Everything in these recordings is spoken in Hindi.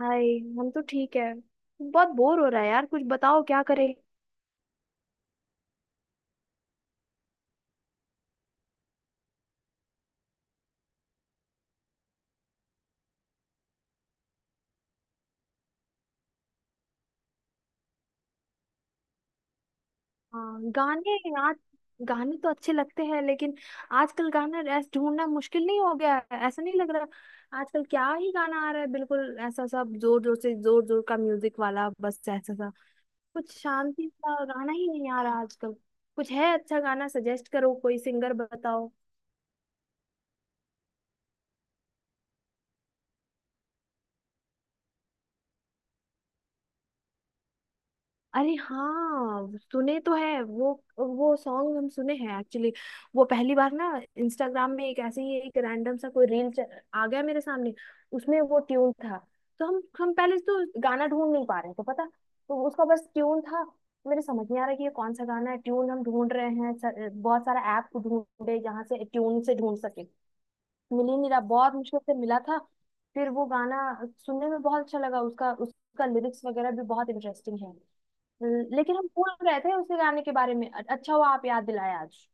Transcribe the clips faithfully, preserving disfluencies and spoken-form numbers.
हाय। हम तो ठीक है। बहुत बोर हो रहा है यार, कुछ बताओ क्या करें। हाँ गाने आज गाने तो अच्छे लगते हैं लेकिन आजकल गाना ऐसा ढूंढना मुश्किल नहीं हो गया है? ऐसा नहीं लग रहा आजकल क्या ही गाना आ रहा है। बिल्कुल ऐसा सब जोर जोर से, जोर जोर का म्यूजिक वाला, बस ऐसा सा। कुछ शांति सा गाना ही नहीं आ रहा आजकल। कुछ है अच्छा गाना सजेस्ट करो, कोई सिंगर बताओ। अरे हाँ, सुने तो है वो। वो सॉन्ग हम सुने हैं एक्चुअली। वो पहली बार ना इंस्टाग्राम में एक ऐसे ही एक रैंडम सा कोई रील आ गया मेरे सामने। उसमें वो ट्यून था तो हम हम पहले तो गाना ढूंढ नहीं पा रहे थे पता। तो उसका बस ट्यून था। मेरे समझ नहीं आ रहा कि ये कौन सा गाना है, ट्यून हम ढूंढ रहे हैं सर, बहुत सारा ऐप ढूंढे जहाँ से ट्यून से ढूंढ सके। मिल ही नहीं रहा, बहुत मुश्किल से मिला था। फिर वो गाना सुनने में बहुत अच्छा लगा, उसका उसका लिरिक्स वगैरह भी बहुत इंटरेस्टिंग है। लेकिन हम भूल रहे थे उसके गाने के बारे में, अच्छा हुआ आप याद दिलाए आज।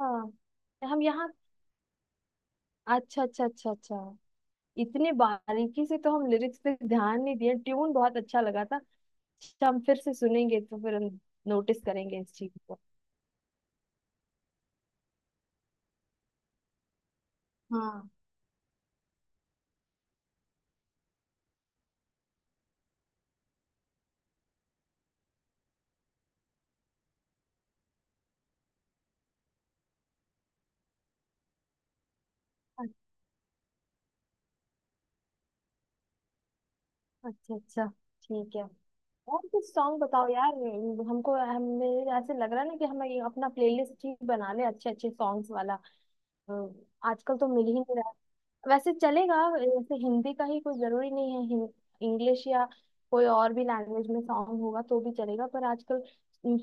हाँ। हम यहाँ। अच्छा अच्छा अच्छा अच्छा। इतने बारीकी से तो हम लिरिक्स पे ध्यान नहीं दिए, ट्यून बहुत अच्छा लगा था। अच्छा, हम फिर से सुनेंगे तो फिर हम नोटिस करेंगे इस चीज को। हाँ, अच्छा अच्छा अच्छा, ठीक है। और कुछ सॉन्ग बताओ यार। हमको हमें ऐसे लग रहा है ना कि हमें ये अपना प्लेलिस्ट ही बना ले अच्छे अच्छे सॉन्ग्स वाला। अ, आजकल तो मिल ही नहीं। वैसे चलेगा, जैसे हिंदी का ही कोई जरूरी नहीं है। हिं- इंग्लिश या कोई और भी लैंग्वेज में सॉन्ग होगा तो भी चलेगा, पर आजकल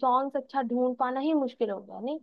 सॉन्ग्स अच्छा ढूंढ पाना ही मुश्किल हो गया, नहीं?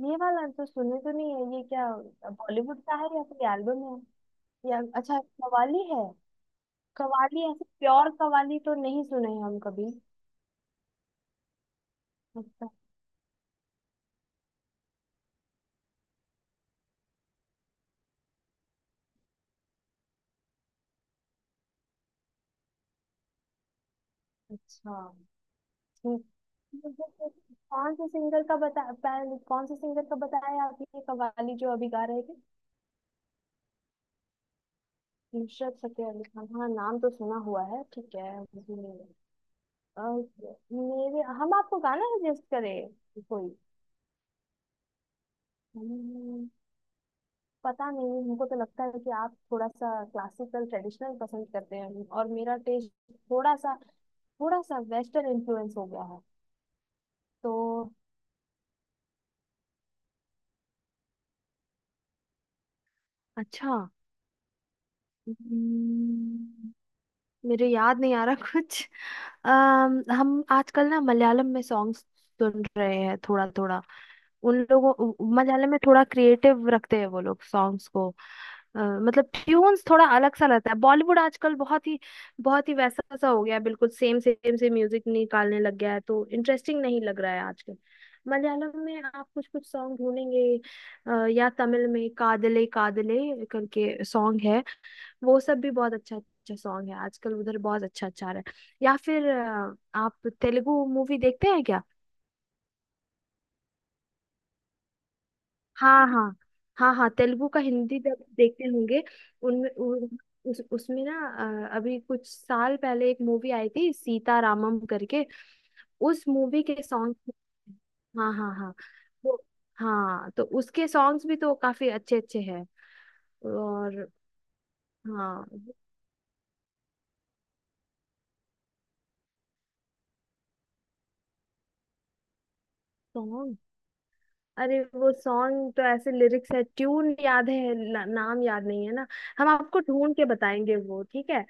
ये वाला तो सुने तो नहीं है, ये क्या बॉलीवुड का है या कोई एल्बम है? या अच्छा, कवाली है? कवाली ऐसे प्योर कवाली तो नहीं सुने हैं हम कभी। अच्छा अच्छा। ठीक। मुझे कौन से सिंगर का बता पहले- कौन से सिंगर का बताया आपने ये कवाली जो अभी गा रहे थे? नुसरत फतेह अली खान, हाँ नाम तो सुना हुआ है। ठीक है। हम्म, अ, मेरे हम आपको गाना सजेस्ट करें कोई? हम्म, पता नहीं। हमको तो लगता है कि आप थोड़ा सा क्लासिकल ट्रेडिशनल पसंद करते हैं और मेरा टेस्ट थोड़ा सा थोड़ा सा वेस्टर्न इन्फ्लुएंस हो गया है। तो अच्छा। हम्म, मेरे याद नहीं आ रहा कुछ। अम, हम आजकल ना मलयालम में सॉन्ग सुन रहे हैं थोड़ा थोड़ा। उन लोगों उ- मलयालम में थोड़ा क्रिएटिव रखते हैं वो लोग सॉन्ग्स को। अ, मतलब ट्यून्स थोड़ा अलग सा रहता है, बॉलीवुड आजकल बहुत ही बहुत ही वैसा सा हो गया है, बिल्कुल सेम सेम से म्यूजिक निकालने लग गया है तो इंटरेस्टिंग नहीं लग रहा है आजकल। मलयालम में आप कुछ कुछ सॉन्ग ढूंढेंगे, अ, या तमिल में कादले कादले करके सॉन्ग है, वो सब भी बहुत अच्छा अच्छा सॉन्ग है, आजकल उधर बहुत अच्छा अच्छा आ रहा है। या फिर अ, आप तेलुगु मूवी देखते हैं क्या? हाँ हाँ हाँ हाँ, तेलुगु का हिंदी जब देखते होंगे। उनमें उ- उस, उसमें ना अ, अभी कुछ साल पहले एक मूवी आई थी सीता रामम करके, उस मूवी के सॉन्ग। हाँ हाँ हाँ वो। हाँ तो उसके सॉन्ग्स भी तो काफी अच्छे अच्छे हैं, और हाँ। अरे वो सॉन्ग तो ऐसे लिरिक्स है ट्यून याद है ना, नाम याद नहीं है ना। हम आपको ढूंढ के बताएंगे वो, ठीक है?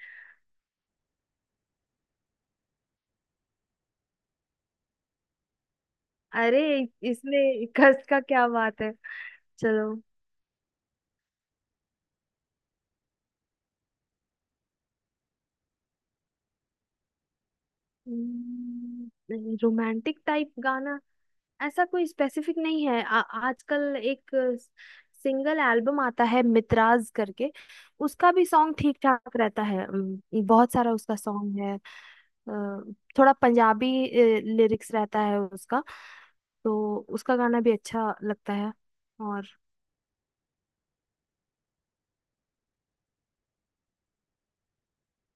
अरे इसमें कस का क्या बात है, चलो। रोमांटिक टाइप गाना ऐसा कोई स्पेसिफिक नहीं है। आ, आजकल एक सिंगल एल्बम आता है मितराज करके, उसका भी सॉन्ग ठीक ठाक रहता है। अम, बहुत सारा उसका सॉन्ग है। अ, थोड़ा पंजाबी लिरिक्स रहता है उसका, तो उसका गाना भी अच्छा लगता है। और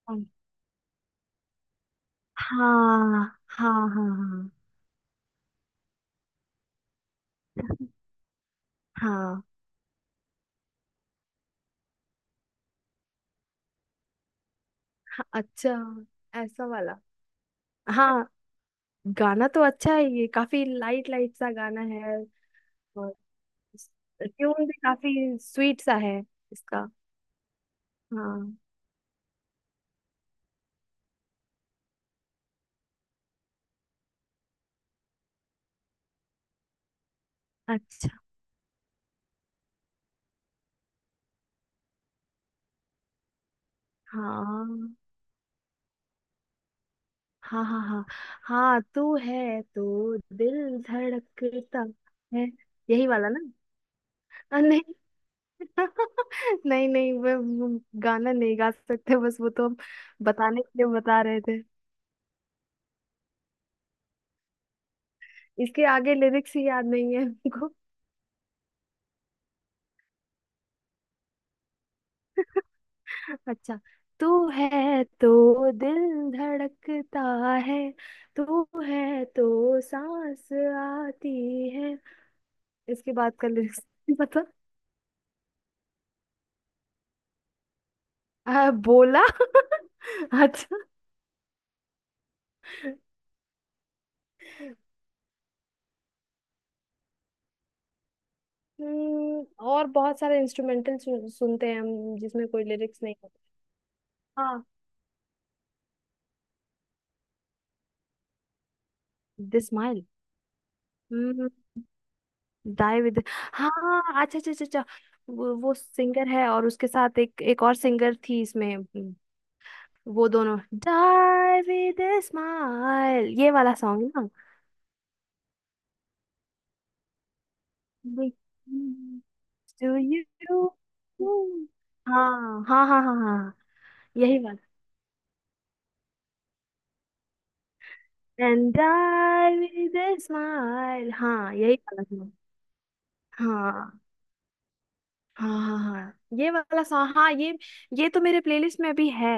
कौन- हाँ हाँ हाँ हाँ हाँ हाँ, अच्छा ऐसा वाला। हाँ गाना तो अच्छा है, ये काफी लाइट लाइट सा गाना है। और ट्यून भी काफी स्वीट सा है इसका। हाँ अच्छा। हाँ हाँ हाँ हाँ, हाँ तू है तो दिल धड़कता है, यही वाला ना? अ, नहीं। नहीं नहीं वो वो गाना नहीं गा सकते, बस वो तो हम बताने के लिए बता रहे थे। इसके आगे लिरिक्स ही याद नहीं है हमको। अच्छा, तू है तो दिल धड़कता है, तू है तो सांस आती है, इसके बाद का लिरिक्स नहीं पता। आ, बोला। अच्छा। हम्म, और बहुत सारे इंस्ट्रूमेंटल सुनते हैं हम जिसमें कोई लिरिक्स नहीं होते। हाँ the smile. Hmm die with. हाँ अच्छा अच्छा अच्छा अच्छा। वो, वो सिंगर है और उसके साथ एक एक और सिंगर थी इसमें। हम्म, वो दोनों डाई विद स्माइल, ये वाला सॉन्ग ना। To you. हाँ हाँ हाँ हाँ हाँ हाँ, यही वाला। एंड डाई विद स्माइल, हाँ यही वाला। हाँ हाँ हाँ हाँ ये वाला सॉन्ग, हाँ ये ये तो मेरे प्लेलिस्ट में भी है।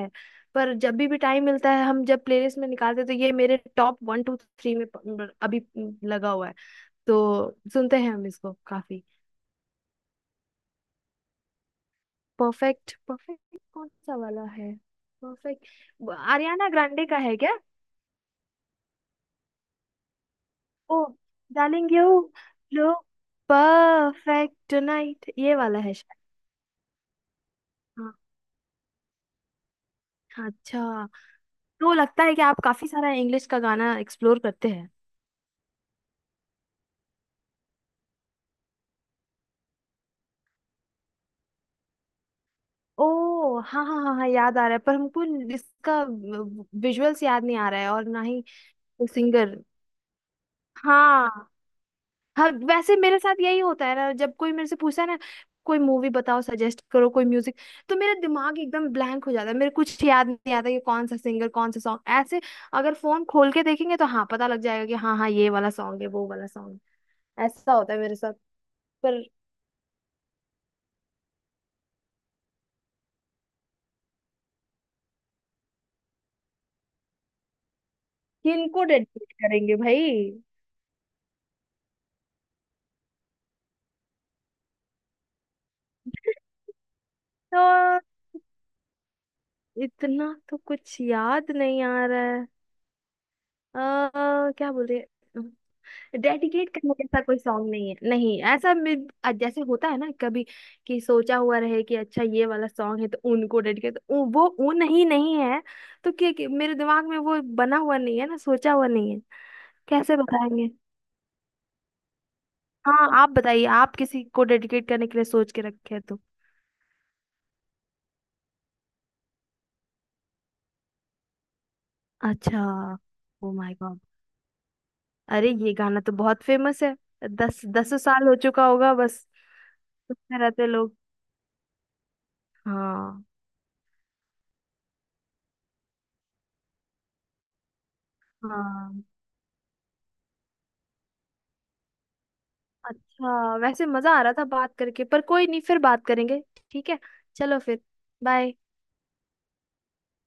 पर जब भी भी टाइम मिलता है हम जब प्लेलिस्ट में निकालते हैं तो ये मेरे टॉप वन टू थ्री में प- अभी लगा हुआ है, तो सुनते हैं हम इसको काफी। परफेक्ट? परफेक्ट कौन सा वाला है? परफेक्ट आरियाना ग्रांडे का है क्या? Oh, darling you look, perfect tonight, ये वाला है शायद। हाँ, हाँ, अच्छा। तो लगता है कि आप काफी सारा इंग्लिश का गाना एक्सप्लोर करते हैं। ओ हाँ हाँ हाँ हाँ याद आ रहा है पर हमको इसका विजुअल्स याद नहीं आ रहा है, और ना ही सिंगर। हाँ। हाँ वैसे मेरे साथ यही होता है ना, जब कोई मेरे से पूछता है ना कोई मूवी बताओ सजेस्ट करो कोई म्यूजिक, तो मेरा दिमाग एकदम ब्लैंक हो जाता है, मेरे कुछ याद नहीं आता कि कौन सा सिंगर कौन सा सॉन्ग, ऐसे। अगर फोन खोल के देखेंगे तो हाँ पता लग जाएगा कि हाँ हाँ ये वाला सॉन्ग है वो वाला सॉन्ग, ऐसा होता है मेरे साथ। पर किनको डेडिकेट करेंगे भाई? तो इतना तो कुछ याद नहीं आ रहा है। आ, क्या बोले? डेडिकेट करने जैसा कोई सॉन्ग नहीं है, नहीं ऐसा मे- अ, जैसे होता है ना कभी कि सोचा हुआ रहे कि अच्छा ये वाला सॉन्ग है तो उनको डेडिकेट, तो उ- वो उन ही नहीं है। तो क्या क्या- मेरे दिमाग में वो बना हुआ नहीं है ना, सोचा हुआ नहीं है। कैसे बताएंगे? हाँ आप बताइए, आप किसी को डेडिकेट करने के लिए सोच के रखे हैं तो। अच्छा। ओ माय गॉड, अरे ये गाना तो बहुत फेमस है, दस दस साल हो चुका होगा। बस में रहते लोग। हाँ। हाँ अच्छा, वैसे मजा आ रहा था बात करके पर कोई नहीं, फिर बात करेंगे। ठीक है। चलो फिर। बाय।